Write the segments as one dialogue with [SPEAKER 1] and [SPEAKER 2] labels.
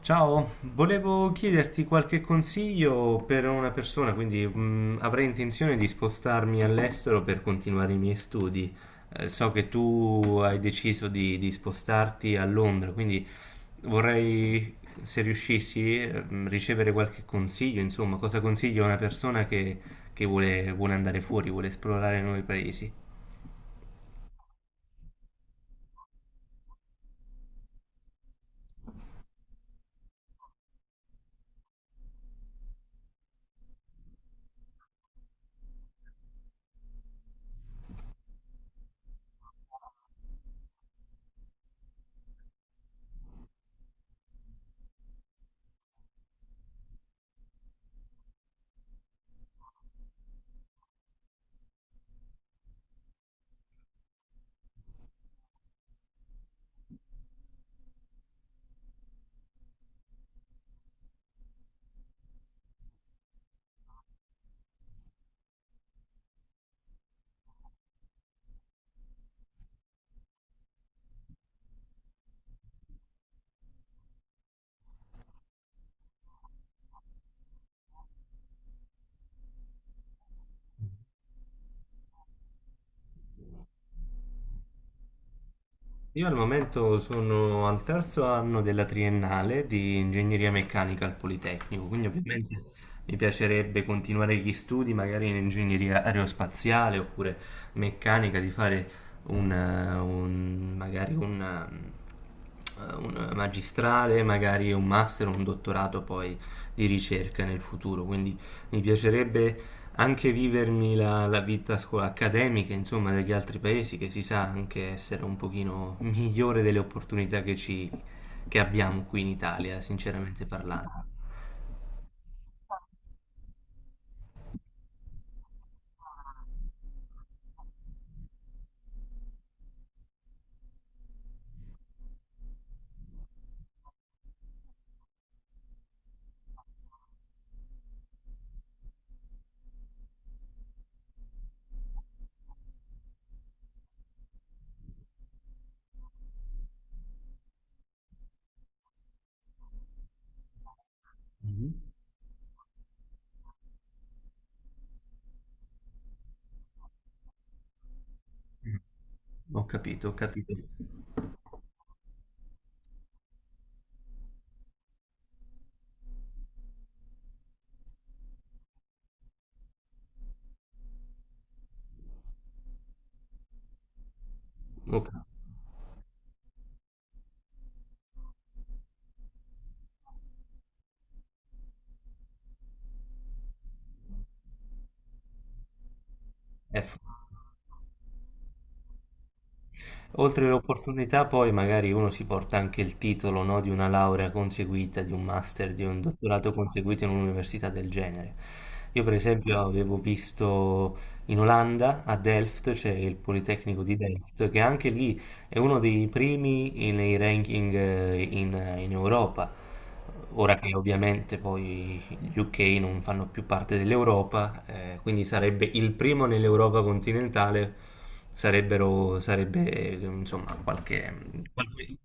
[SPEAKER 1] Ciao, volevo chiederti qualche consiglio per una persona, quindi avrei intenzione di spostarmi all'estero per continuare i miei studi. So che tu hai deciso di spostarti a Londra, quindi vorrei, se riuscissi, ricevere qualche consiglio, insomma, cosa consiglio a una persona che vuole andare fuori, vuole esplorare nuovi paesi. Io al momento sono al terzo anno della triennale di ingegneria meccanica al Politecnico, quindi ovviamente mi piacerebbe continuare gli studi magari in ingegneria aerospaziale oppure meccanica, di fare un, magari un magistrale, magari un master, un dottorato poi di ricerca nel futuro, quindi mi piacerebbe anche vivermi la vita accademica, insomma, degli altri paesi, che si sa anche essere un pochino migliore delle opportunità che abbiamo qui in Italia, sinceramente parlando. Mhm. Ho capito, ho capito. Ho cap- eh, Oltre l'opportunità, poi magari uno si porta anche il titolo, no, di una laurea conseguita, di un master, di un dottorato conseguito in un'università del genere. Io, per esempio, avevo visto in Olanda, a Delft, c'è il Politecnico di Delft, che anche lì è uno dei primi nei ranking in Europa. Ora che ovviamente poi gli UK non fanno più parte dell'Europa, quindi sarebbe il primo nell'Europa continentale, sarebbero, sarebbe insomma qualche, qualche-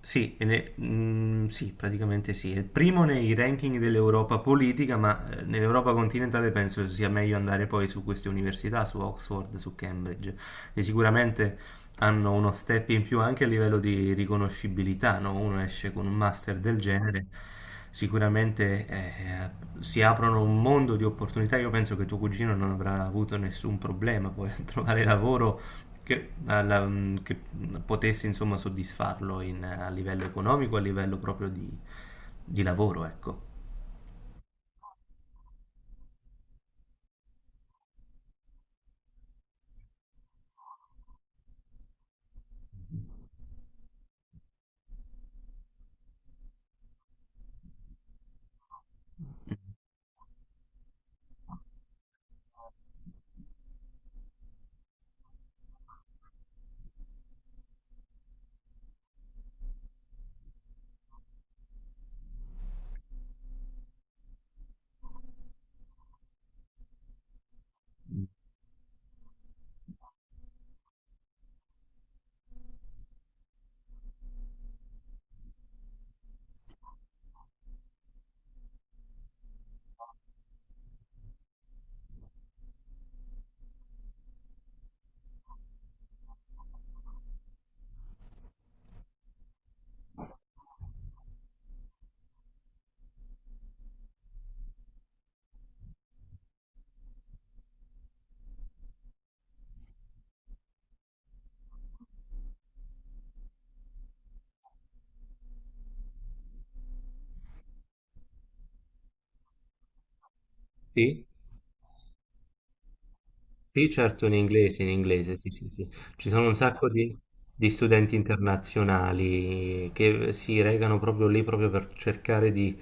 [SPEAKER 1] sì, sì, praticamente sì. È il primo nei ranking dell'Europa politica, ma nell'Europa continentale penso sia meglio andare poi su queste università, su Oxford, su Cambridge, che sicuramente hanno uno step in più anche a livello di riconoscibilità, no? Uno esce con un master del genere, sicuramente si aprono un mondo di opportunità. Io penso che tuo cugino non avrà avuto nessun problema poi a trovare lavoro che, che potesse insomma soddisfarlo a livello economico, a livello proprio di lavoro, ecco. Sì, sì, certo, in inglese, sì, sì, sì. Ci sono un sacco di studenti internazionali che si recano proprio lì proprio per cercare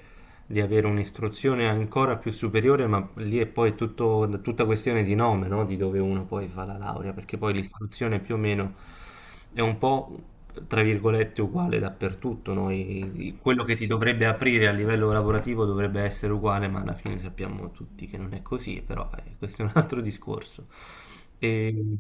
[SPEAKER 1] di avere un'istruzione ancora più superiore, ma lì è poi tutto, tutta questione di nome, no? Di dove uno poi fa la laurea, perché poi l'istruzione più o meno è un po', tra virgolette, uguale dappertutto, no? Quello che ti dovrebbe aprire a livello lavorativo dovrebbe essere uguale, ma alla fine sappiamo tutti che non è così, però questo è un altro discorso. E...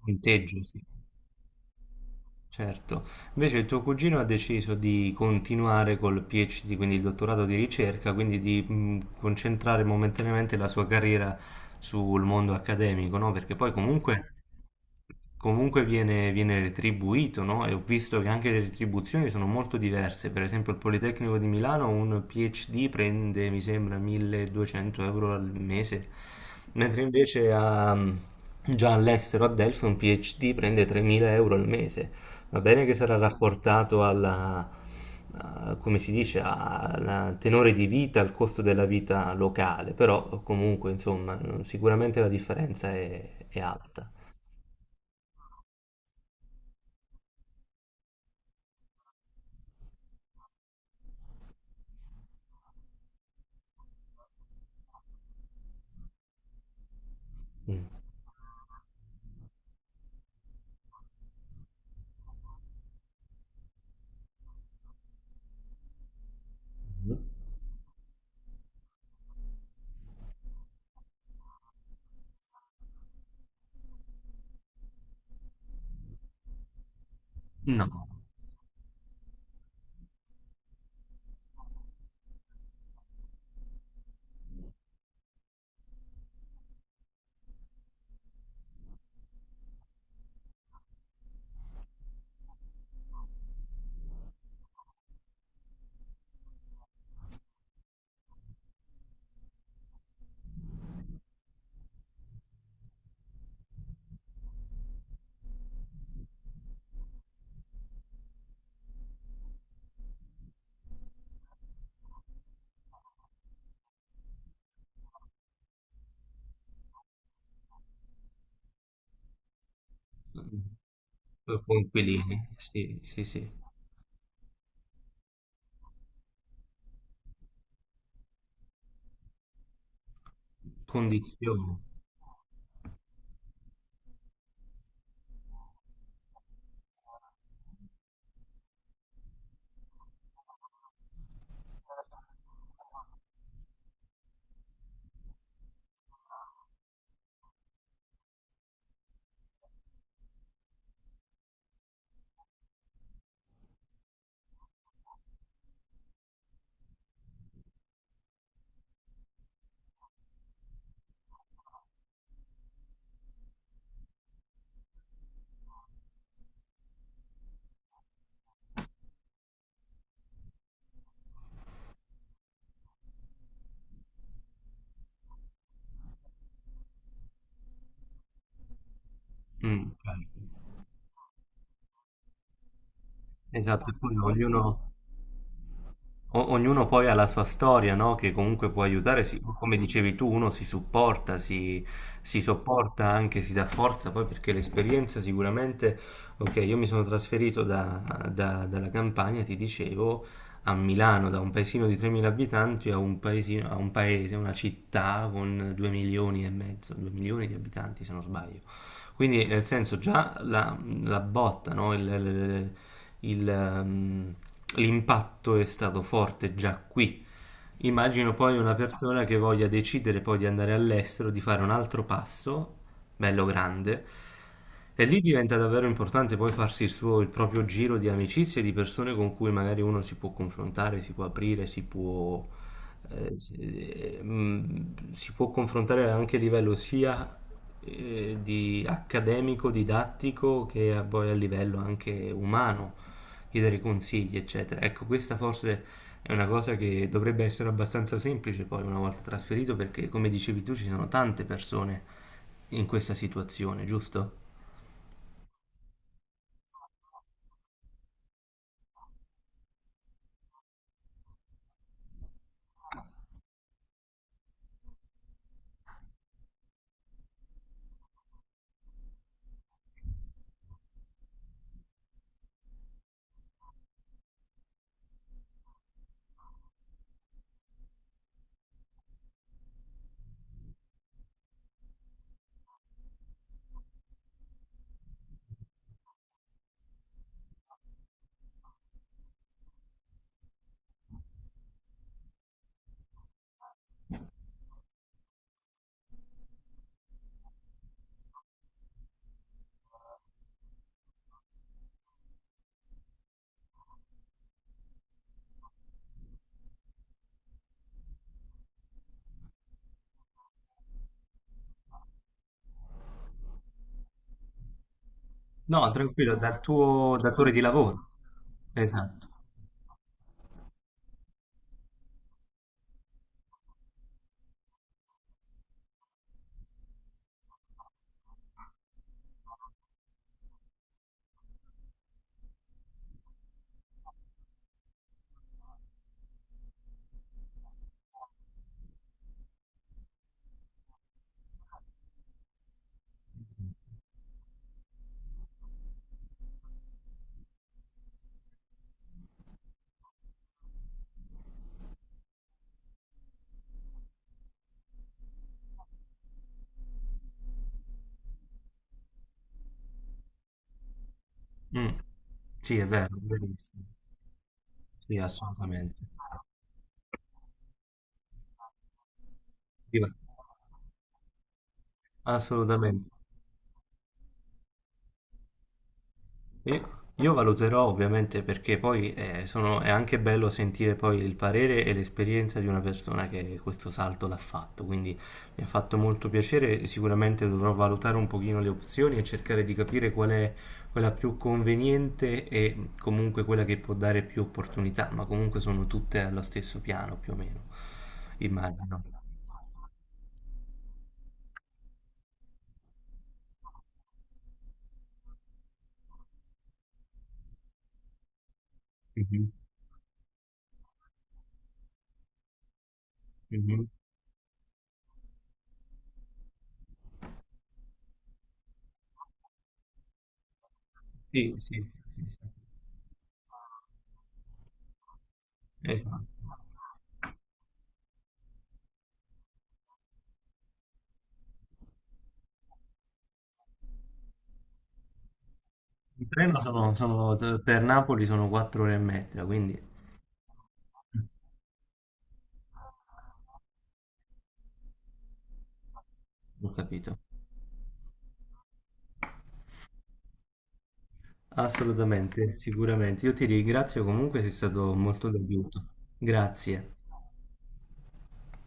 [SPEAKER 1] Punteggio, sì. Certo, invece il tuo cugino ha deciso di continuare col PhD, quindi il dottorato di ricerca, quindi di concentrare momentaneamente la sua carriera sul mondo accademico, no? Perché poi comunque, comunque viene retribuito, no? E ho visto che anche le retribuzioni sono molto diverse. Per esempio, il Politecnico di Milano un PhD prende, mi sembra, 1.200 euro al mese, mentre invece già all'estero a Delphi un PhD prende 3.000 euro al mese. Va bene che sarà rapportato alla, come si dice, al tenore di vita, al costo della vita locale, però comunque, insomma, sicuramente la differenza è alta. Mm. No, coinquilini, sì, sì, sì, condizioni. Mm, certo. Esatto, e poi ognuno, ognuno poi ha la sua storia, no? Che comunque può aiutare, come dicevi tu, uno si supporta, si sopporta anche, si dà forza, poi perché l'esperienza sicuramente, ok, io mi sono trasferito dalla Campania, ti dicevo, a Milano, da un paesino di 3.000 abitanti a un paesino, a un paese, una città con 2 milioni e mezzo, 2 milioni di abitanti se non sbaglio. Quindi nel senso già la, la botta, no? Il, ehm, l'impatto è stato forte già qui. Immagino poi una persona che voglia decidere poi di andare all'estero, di fare un altro passo, bello grande, e lì diventa davvero importante poi farsi il suo, il proprio giro di amicizie, di persone con cui magari uno si può confrontare, si può aprire, si può, eh, si, si può confrontare anche a livello sia di accademico, didattico, poi a livello anche umano, chiedere consigli, eccetera. Ecco, questa forse è una cosa che dovrebbe essere abbastanza semplice poi una volta trasferito, perché come dicevi tu ci sono tante persone in questa situazione, giusto? No, tranquillo, dal tuo datore di lavoro. Esatto. Mm. Sì, è vero, è verissimo. Sì, assolutamente. Sì, assolutamente. Io valuterò ovviamente perché poi è anche bello sentire poi il parere e l'esperienza di una persona che questo salto l'ha fatto, quindi mi ha fatto molto piacere, sicuramente dovrò valutare un pochino le opzioni e cercare di capire qual è quella più conveniente e comunque quella che può dare più opportunità, ma comunque sono tutte allo stesso piano più o meno, immagino. Mhm, mhm. Sì, sì, sì, sì. Esatto. In treno sono, per Napoli sono 4 ore e mezza, quindi ho capito. Assolutamente, sicuramente. Io ti ringrazio comunque, sei stato molto d'aiuto. Grazie.